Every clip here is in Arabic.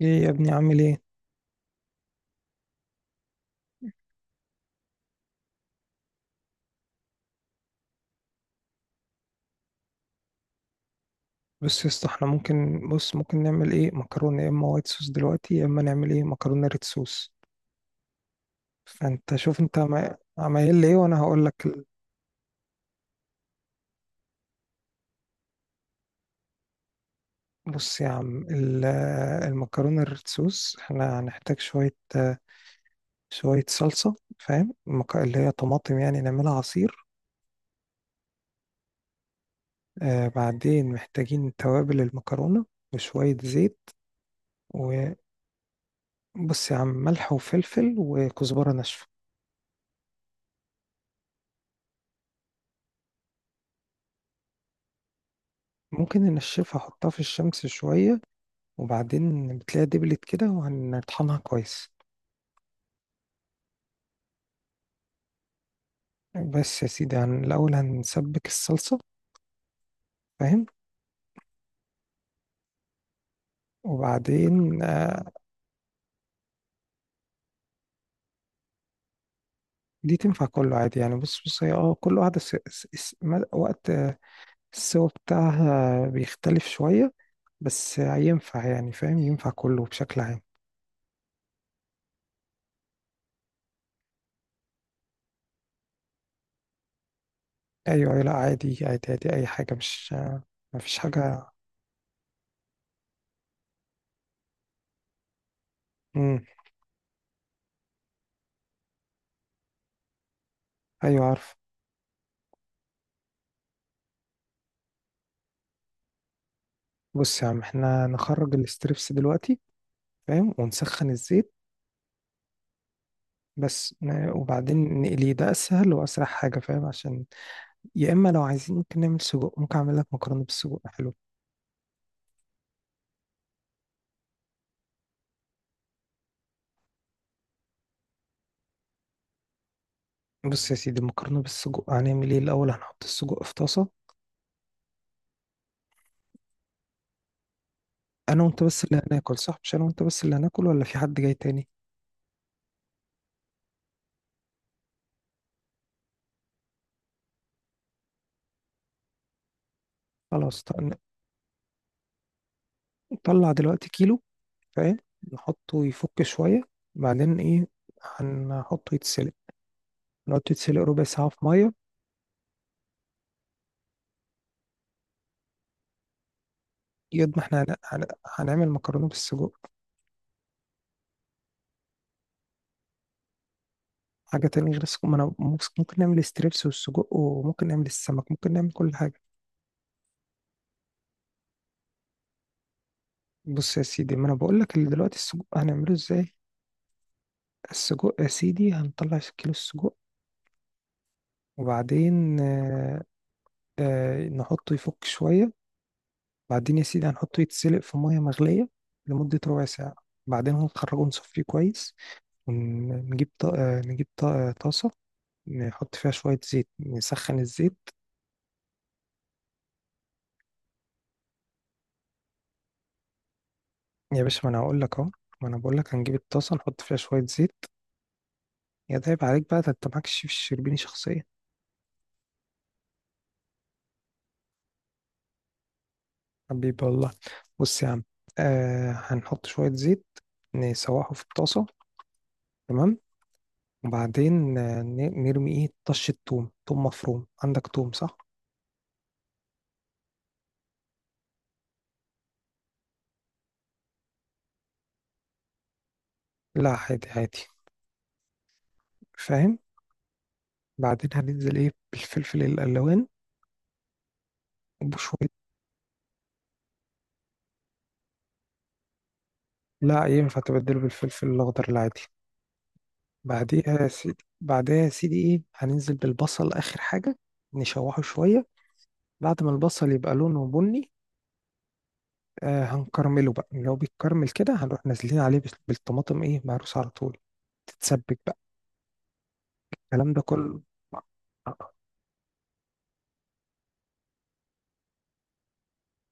ايه يا ابني عامل ايه؟ بص يا اسطى احنا ممكن نعمل ايه، مكرونه يا اما وايت صوص دلوقتي، يا اما نعمل ايه مكرونه ريد صوص. فانت شوف انت عمايل ايه وانا هقول لك بص يا عم المكرونه الريد صوص احنا هنحتاج شويه شويه صلصه، فاهم؟ اللي هي طماطم يعني نعملها عصير. بعدين محتاجين توابل المكرونه وشويه زيت، وبص يا عم ملح وفلفل وكزبره ناشفه. ممكن ننشفها، احطها في الشمس شوية وبعدين بتلاقيها دبلت كده وهنطحنها كويس. بس يا سيدي هن الأول هنسبك الصلصة، فاهم؟ وبعدين دي تنفع كله عادي يعني. بص بص هي كل واحدة وقت السوا بتاعها بيختلف شوية، بس ينفع يعني، فاهم؟ ينفع كله بشكل عام. أيوة أيوة، لا عادي عادي عادي، أي حاجة مش مفيش حاجة. مم. أيوة عارف. بص يا عم احنا نخرج الاستريبس دلوقتي، فاهم؟ ونسخن الزيت وبعدين نقليه، ده اسهل واسرع حاجه، فاهم؟ عشان يا اما لو عايزين ممكن نعمل سجق، ممكن اعمل لك مكرونه بالسجق حلو. بص يا سيدي المكرونه بالسجق هنعمل ايه الاول، هنحط السجق في طاسه. انا وانت بس اللي هناكل صح؟ مش انا وانت بس اللي هناكل ولا في حد جاي تاني؟ خلاص ط- نطلع دلوقتي كيلو، فاهم؟ نحطه يفك شويه، بعدين ايه، هنحطه يتسلق، نحطه يتسلق ربع ساعه في ميه. يد ما احنا هن... هن... هنعمل مكرونه بالسجق. حاجة تانية غير السجق؟ ما أنا ممكن ممكن نعمل الستريبس والسجق وممكن نعمل السمك، ممكن نعمل كل حاجة. بص يا سيدي ما أنا بقول لك اللي دلوقتي السجق هنعمله إزاي. السجق يا سيدي هنطلع كيلو السجق، وبعدين نحطه يفك شوية، بعدين يا سيدي هنحطه يتسلق في مية مغلية لمدة ربع ساعة. بعدين هنخرجه نصفيه كويس، ونجيب طا... آه، نجيب طا... آه، طاسة نحط فيها شوية زيت، نسخن الزيت. يا باشا ما أنا هقول لك أهو، ما أنا بقول لك هنجيب الطاسة نحط فيها شوية زيت. يا ده عيب عليك بقى، ده انت معاك شيف الشربيني شخصيا. حبيبي والله. بص يا عم، هنحط شوية زيت، نسوحه في الطاسة، تمام؟ وبعدين نرمي ايه، طشة توم، توم مفروم، عندك توم صح؟ لا عادي عادي، فاهم؟ بعدين هننزل ايه، بالفلفل الألوان وبشوية. لا ينفع تبدله بالفلفل الأخضر العادي. بعديها يا سيدي، بعديها يا سيدي ايه، هننزل بالبصل آخر حاجة، نشوحه شوية. بعد ما البصل يبقى لونه بني هنكرمله بقى. لو بيتكرمل كده هنروح نازلين عليه بالطماطم ايه، مهروسة على طول، تتسبك بقى. الكلام ده كله.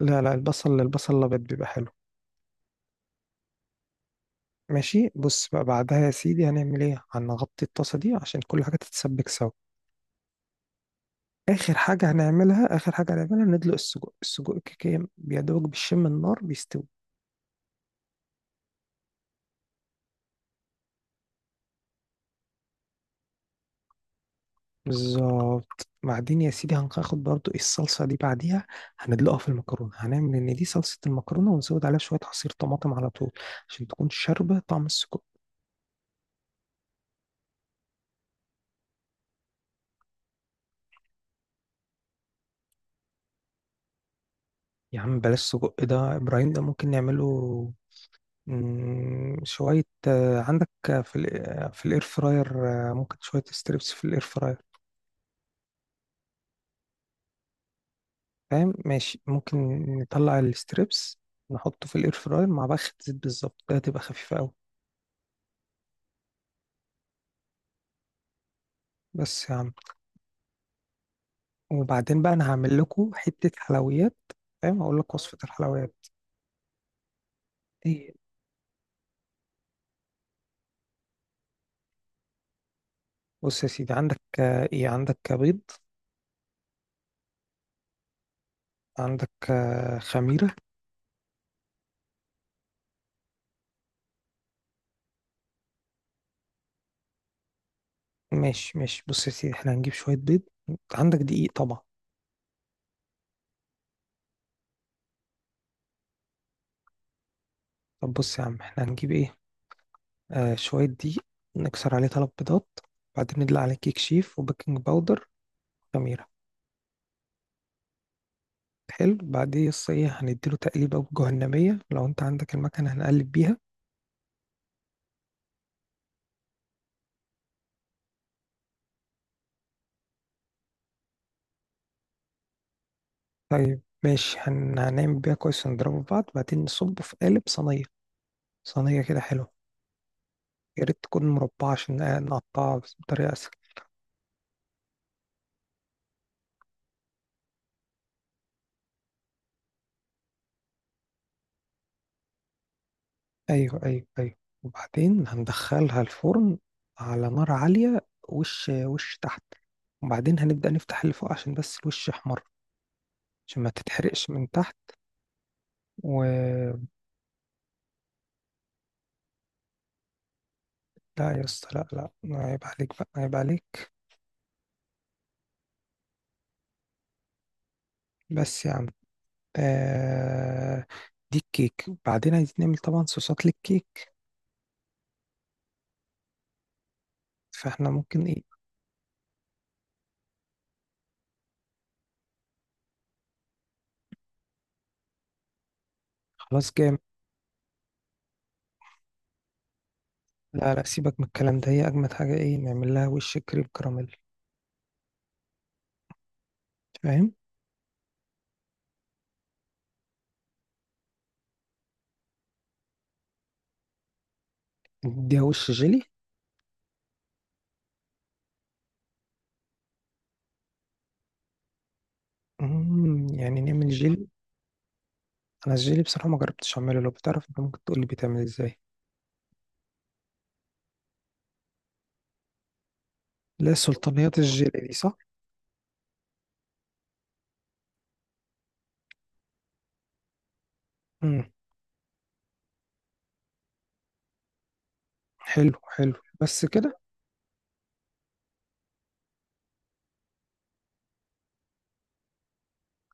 لا لا، البصل البصل الابيض بيبقى حلو. ماشي، بص بقى بعدها يا سيدي هنعمل ايه، هنغطي الطاسة دي عشان كل حاجة تتسبك سوا. اخر حاجة هنعملها، اخر حاجة هنعملها، ندلق السجق. السجق كيكة بيدوب بالشم النار بيستوي. بالظبط، بعدين يا سيدي هناخد برضو إيه الصلصة دي بعديها، هندلقها في المكرونة، هنعمل إن دي صلصة المكرونة، ونزود عليها شوية عصير طماطم على طول عشان تكون شاربة طعم السجق. يا عم بلاش سجق، ده إبراهيم ده ممكن نعمله شوية عندك في في الاير فراير، ممكن شوية ستريبس في الاير فراير. فاهم؟ ماشي، ممكن نطلع الستريبس، نحطه في الاير فراير مع بخة زيت، بالظبط ده هتبقى خفيفة أوي. بس يا عم، وبعدين بقى انا هعمل لكم حته حلويات، فاهم؟ هقول لك وصفه الحلويات. ايه، بص يا سيدي عندك آه، ايه عندك بيض، عندك خميره. ماشي ماشي، بص يا سيدي احنا هنجيب شويه بيض، عندك دقيق طبعا. طب بص يا عم احنا هنجيب ايه، شويه دقيق، نكسر عليه 3 بيضات، بعدين ندلق عليه كيك شيف وبيكنج باودر، خميره. حلو، بعدين يس ايه، هنديله تقليبه جهنميه لو انت عندك المكنه هنقلب بيها. طيب ماشي، هنعمل بيها كويس، ونضربه في بعض، بعدين نصبه في قالب صينية، صينية كده حلوة. يا ريت تكون مربعة عشان نقطعها بس بطريقة أسهل. أيوه أيوه أيوه، وبعدين هندخلها الفرن على نار عالية، وش وش تحت، وبعدين هنبدأ نفتح اللي فوق عشان بس الوش يحمر، عشان ما تتحرقش من تحت. و لا يا اسطى لا، لا عيب عليك بقى، عيب عليك. بس يا عم آه... دي الكيك، وبعدين عايزين نعمل طبعا صوصات للكيك، فاحنا ممكن ايه. خلاص جامد. لا لا، سيبك من الكلام ده، هي أجمد حاجة ايه، نعمل لها وش كريم كراميل، فاهم؟ نديها وش جيلي، يعني نعمل جيلي. انا الجيلي بصراحه ما جربتش اعمله، لو بتعرف انت ممكن تقول لي بيتعمل ازاي. لا سلطانيات الجيلي دي صح. امم حلو حلو. بس كده؟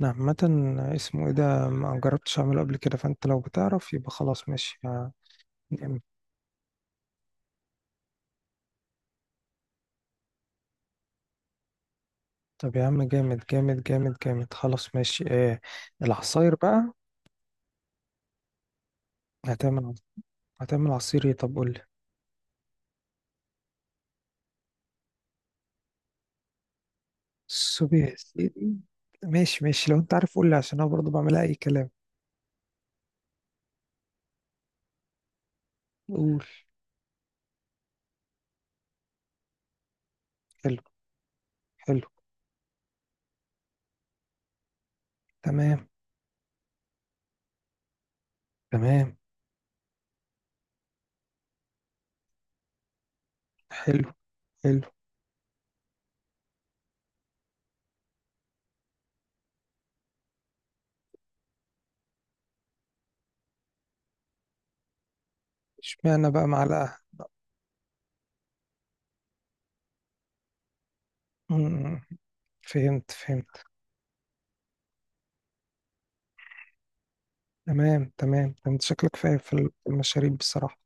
انا عامه اسمه ايه ده، ما جربتش اعمله قبل كده، فانت لو بتعرف يبقى خلاص ماشي. نعمل. طب يا عم جامد جامد جامد جامد، خلاص ماشي ايه، العصاير بقى. هتعمل، هتعمل عصير ايه طب قول لي. الصبي يا سيدي. ماشي ماشي، لو انت عارف قول لي، عشان انا برضه بعملها اي كلام. قول. حلو حلو. تمام تمام. حلو حلو. اشمعنى بقى معلقة؟ مم، فهمت فهمت. تمام تمام، انت شكلك فاهم في في المشاريب بصراحة.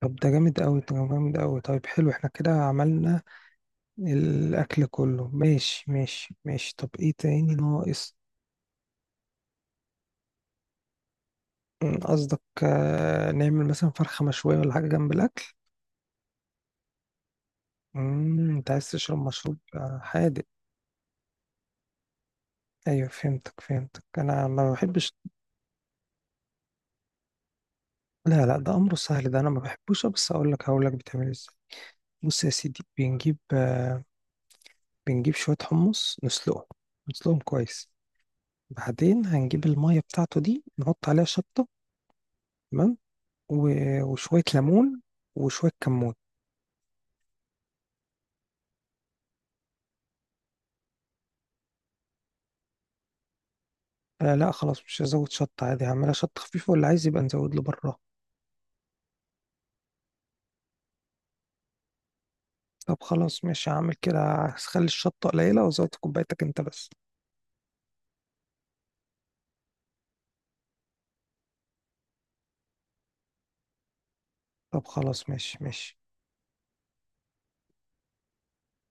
طب ده جامد قوي، ده جامد قوي، طيب حلو احنا كده عملنا الأكل كله، ماشي ماشي ماشي. طب ايه تاني ناقص؟ قصدك نعمل مثلا فرخة مشوية ولا حاجة جنب الأكل؟ انت عايز تشرب مشروب حادق؟ ايوه فهمتك فهمتك، انا ما بحبش. لا لا، ده امره سهل، ده انا ما بحبوش بس اقول لك، هقول لك بتعمل ازاي. بص يا سيدي بنجيب بنجيب شويه حمص نسلقهم، نسلقهم كويس. بعدين هنجيب الميه بتاعته دي، نحط عليها شطه، تمام؟ وشويه ليمون وشويه كمون. لا خلاص مش هزود شطه، عادي هعملها شطه خفيفه واللي عايز يبقى نزود له بره. طب خلاص ماشي هعمل كده، هخلي الشطه قليله وزودت كوبايتك انت بس. طب خلاص ماشي ماشي